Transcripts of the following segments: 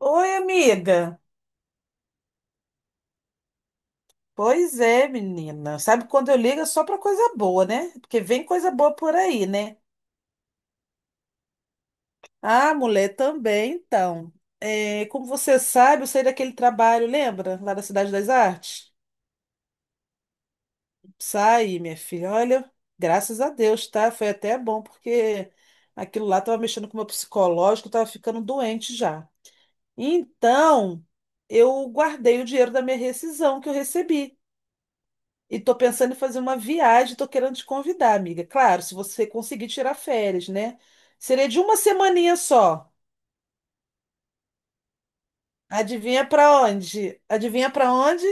Oi, amiga. Pois é, menina. Sabe quando eu ligo é só pra coisa boa, né? Porque vem coisa boa por aí, né? Ah, mulher, também, então. É, como você sabe, eu saí daquele trabalho, lembra? Lá da Cidade das Artes? Saí, minha filha. Olha, graças a Deus, tá? Foi até bom, porque aquilo lá tava mexendo com o meu psicológico, eu tava ficando doente já. Então, eu guardei o dinheiro da minha rescisão que eu recebi. E tô pensando em fazer uma viagem, tô querendo te convidar, amiga. Claro, se você conseguir tirar férias, né? Seria de uma semaninha só. Adivinha pra onde? Adivinha pra onde?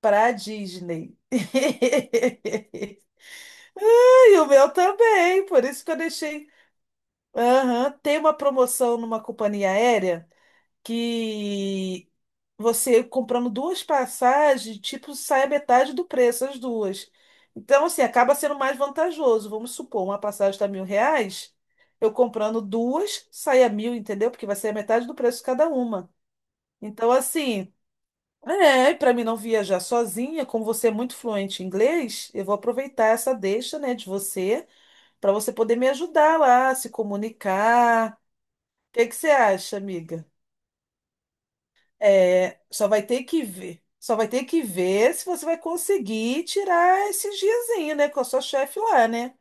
Pra Disney. E o meu também, por isso que eu deixei. Aham, tem uma promoção numa companhia aérea. Que Você comprando duas passagens, tipo, sai a metade do preço, as duas. Então, assim, acaba sendo mais vantajoso. Vamos supor, uma passagem está R$ 1.000, eu comprando duas, sai a 1.000, entendeu? Porque vai ser a metade do preço cada uma. Então, assim, é, para mim não viajar sozinha, como você é muito fluente em inglês, eu vou aproveitar essa deixa, né, de você, para você poder me ajudar lá, se comunicar. O que que você acha, amiga? É, só vai ter que ver. Só vai ter que ver se você vai conseguir tirar esses diazinhos, né? Com a sua chefe lá, né?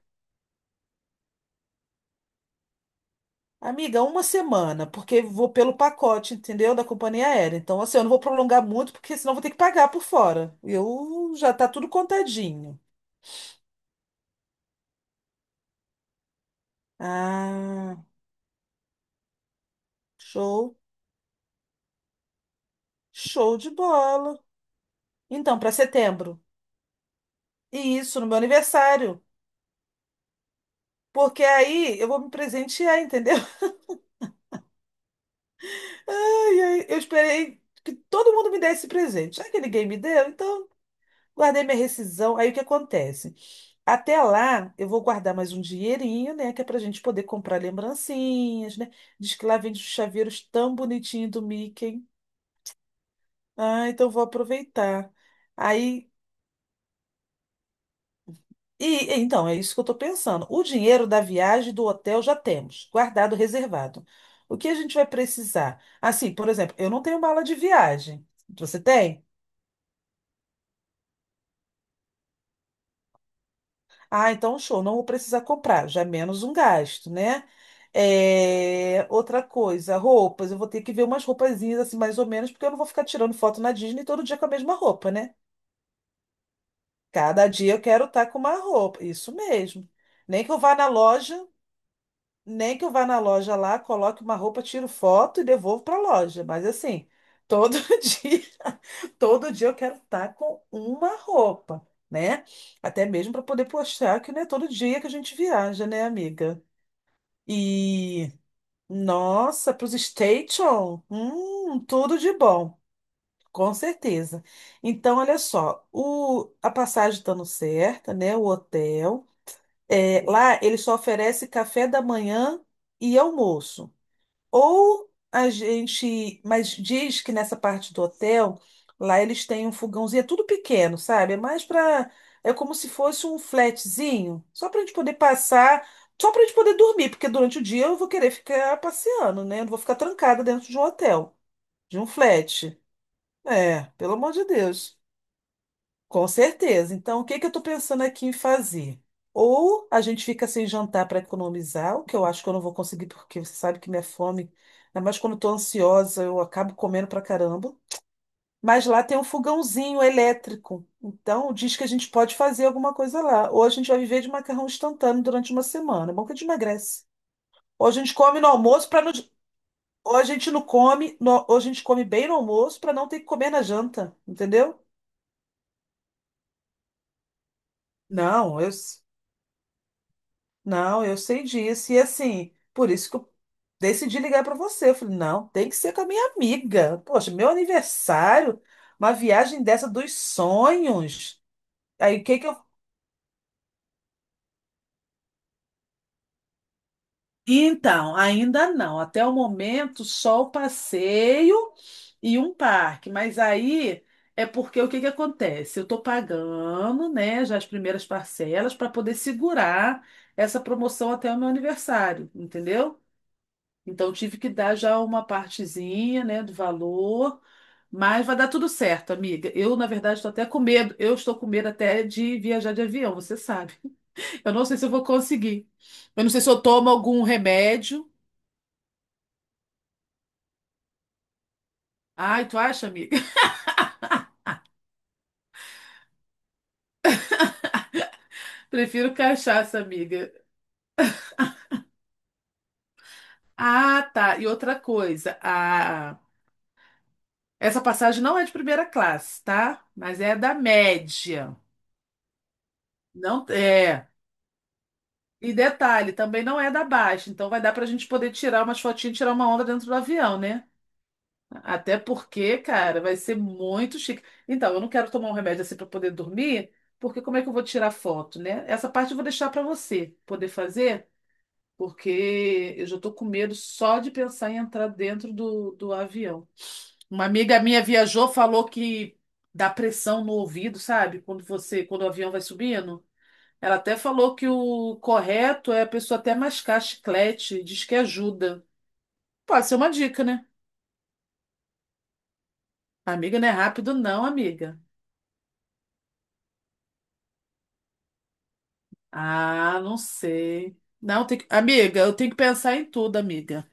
Amiga, uma semana, porque vou pelo pacote, entendeu? Da companhia aérea. Então, assim, eu não vou prolongar muito, porque senão vou ter que pagar por fora. Eu já tá tudo contadinho. Ah, show, show de bola. Então, para setembro. E isso, no meu aniversário. Porque aí eu vou me presentear, entendeu? Ai, ai, eu esperei que todo mundo me desse presente. Já que ninguém me deu, então guardei minha rescisão. Aí o que acontece? Até lá, eu vou guardar mais um dinheirinho, né? Que é pra gente poder comprar lembrancinhas, né? Diz que lá vende os chaveiros tão bonitinhos do Mickey. Ah, então vou aproveitar. Aí, e então, é isso que eu tô pensando. O dinheiro da viagem, e do hotel, já temos, guardado, reservado. O que a gente vai precisar? Assim, por exemplo, eu não tenho mala de viagem. Você tem? Ah, então show, não vou precisar comprar, já é menos um gasto, né? É, outra coisa, roupas, eu vou ter que ver umas roupazinhas assim, mais ou menos, porque eu não vou ficar tirando foto na Disney todo dia com a mesma roupa, né? Cada dia eu quero estar com uma roupa, isso mesmo. Nem que eu vá na loja nem que eu vá na loja lá, coloque uma roupa, tiro foto e devolvo para a loja. Mas assim, todo dia, todo dia eu quero estar com uma roupa, né? Até mesmo para poder postar, que não é todo dia que a gente viaja, né, amiga? E nossa, para os station, tudo de bom, com certeza. Então, olha só, a passagem estando certa, né? O hotel. É, lá ele só oferece café da manhã e almoço. Mas diz que nessa parte do hotel, lá eles têm um fogãozinho, é tudo pequeno, sabe? É mais para, é como se fosse um flatzinho, só para a gente poder passar, só para a gente poder dormir, porque durante o dia eu vou querer ficar passeando, né? Eu não vou ficar trancada dentro de um hotel, de um flat. É, pelo amor de Deus. Com certeza. Então, o que que eu estou pensando aqui em fazer? Ou a gente fica sem jantar para economizar, o que eu acho que eu não vou conseguir, porque você sabe que minha fome, ainda mais quando estou ansiosa, eu acabo comendo pra caramba. Mas lá tem um fogãozinho elétrico. Então, diz que a gente pode fazer alguma coisa lá. Ou a gente vai viver de macarrão instantâneo durante uma semana. É bom que a gente emagrece. Ou a gente come no almoço para não. Ou a gente não come, no... ou a gente come bem no almoço para não ter que comer na janta, entendeu? Não, eu. Não, eu sei disso. E assim, por isso que eu decidi ligar para você. Eu falei, não, tem que ser com a minha amiga. Poxa, meu aniversário, uma viagem dessa dos sonhos. Aí o que que eu. Então, ainda não. Até o momento, só o passeio e um parque. Mas aí é porque o que que acontece? Eu estou pagando, né, já as primeiras parcelas para poder segurar essa promoção até o meu aniversário, entendeu? Então tive que dar já uma partezinha, né, do valor, mas vai dar tudo certo, amiga. Eu, na verdade, estou até com medo. Eu estou com medo até de viajar de avião, você sabe. Eu não sei se eu vou conseguir. Eu não sei se eu tomo algum remédio. Ai, tu acha, amiga? Prefiro cachaça, amiga. Ah, tá. E outra coisa, a... essa passagem não é de primeira classe, tá? Mas é da média. Não é. E detalhe, também não é da Baixa, então vai dar pra gente poder tirar umas fotinhas, e tirar uma onda dentro do avião, né? Até porque, cara, vai ser muito chique. Então, eu não quero tomar um remédio assim pra poder dormir, porque como é que eu vou tirar foto, né? Essa parte eu vou deixar pra você poder fazer, porque eu já tô com medo só de pensar em entrar dentro do avião. Uma amiga minha viajou, falou que dá pressão no ouvido, sabe? Quando você, quando o avião vai subindo. Ela até falou que o correto é a pessoa até mascar chiclete, diz que ajuda. Pode ser uma dica, né? Amiga, não é rápido, não, amiga. Ah, não sei. Não, tem que... Amiga, eu tenho que pensar em tudo, amiga.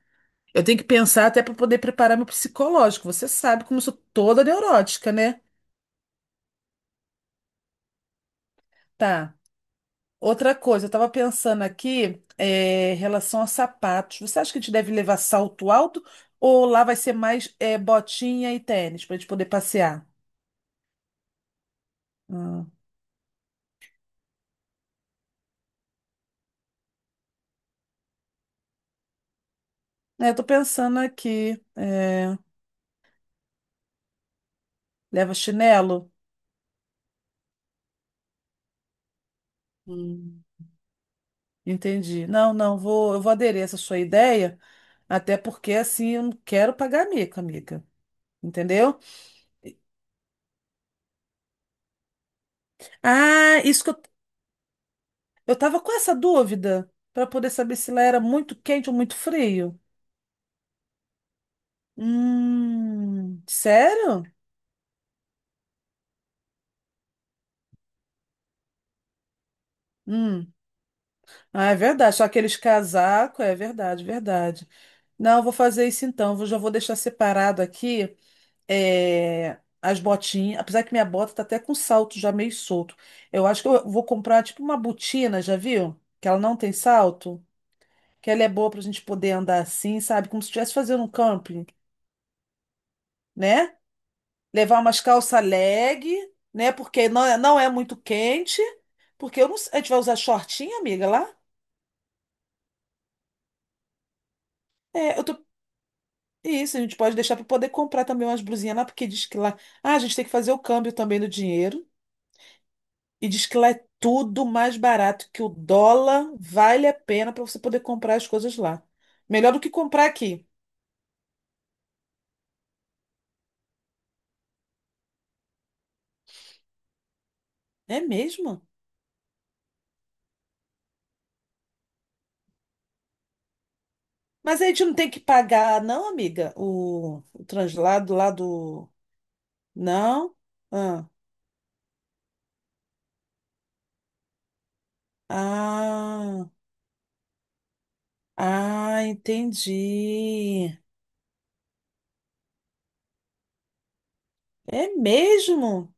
Eu tenho que pensar até para poder preparar meu psicológico. Você sabe como eu sou toda neurótica, né? Tá. Outra coisa, eu tava pensando aqui, é, em relação a sapatos. Você acha que a gente deve levar salto alto ou lá vai ser mais, é, botinha e tênis para a gente poder passear? Hum. É, tô pensando aqui. É, leva chinelo? Hum. Entendi. Não, não, vou, eu vou aderir a essa sua ideia, até porque assim eu não quero pagar mico, amiga. Entendeu? Ah, isso que eu tava com essa dúvida para poder saber se lá era muito quente ou muito frio. Sério? Hum. Ah, é verdade. Só aqueles casacos, é verdade, verdade. Não, eu vou fazer isso então. Eu já vou deixar separado aqui. É, as botinhas, apesar que minha bota tá até com salto já meio solto. Eu acho que eu vou comprar tipo uma botina, já viu? Que ela não tem salto, que ela é boa pra gente poder andar assim, sabe? Como se estivesse fazendo um camping, né? Levar umas calça leg, né? Porque não é, não é muito quente, porque eu não, a gente vai usar shortinho amiga, lá? É, eu tô Isso, a gente pode deixar para poder comprar também umas blusinhas lá, porque diz que lá. Ah, a gente tem que fazer o câmbio também do dinheiro. E diz que lá é tudo mais barato, que o dólar vale a pena para você poder comprar as coisas lá. Melhor do que comprar aqui. É mesmo? Mas a gente não tem que pagar, não, amiga, o translado lá do. Não? Ah, ah, ah, entendi. É mesmo?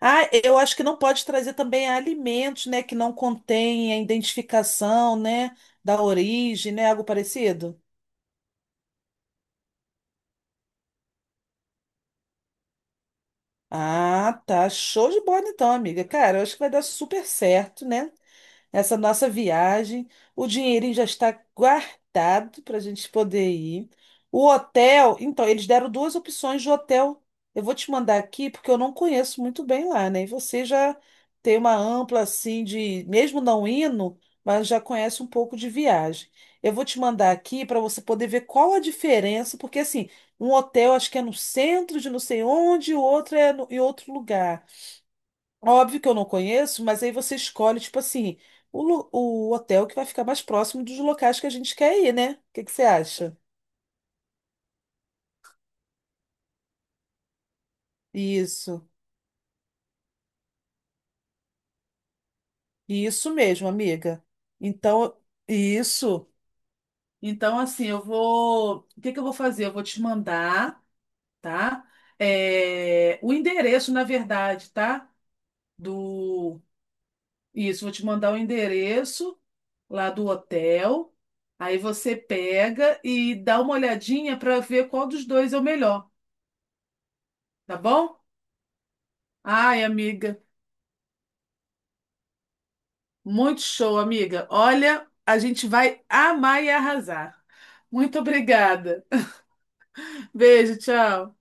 Ah, eu acho que não pode trazer também alimentos, né, que não contém a identificação, né, da origem, né, algo parecido. Ah, tá. Show de bola então, amiga. Cara, eu acho que vai dar super certo, né? Essa nossa viagem. O dinheirinho já está guardado para a gente poder ir. O hotel, então, eles deram duas opções de hotel. Eu vou te mandar aqui porque eu não conheço muito bem lá, né? E você já tem uma ampla assim de, mesmo não indo, mas já conhece um pouco de viagem. Eu vou te mandar aqui para você poder ver qual a diferença, porque assim, um hotel acho que é no centro de não sei onde, e o outro é em outro lugar. Óbvio que eu não conheço, mas aí você escolhe, tipo assim, o hotel que vai ficar mais próximo dos locais que a gente quer ir, né? O que que você acha? Isso, isso mesmo, amiga. Então, isso. Então, assim, eu vou. O que que eu vou fazer? Eu vou te mandar, tá? É, o endereço, na verdade, tá? Do. Isso, vou te mandar o endereço lá do hotel. Aí você pega e dá uma olhadinha para ver qual dos dois é o melhor. Tá bom? Ai, amiga, muito show, amiga. Olha, a gente vai amar e arrasar. Muito obrigada. Beijo, tchau.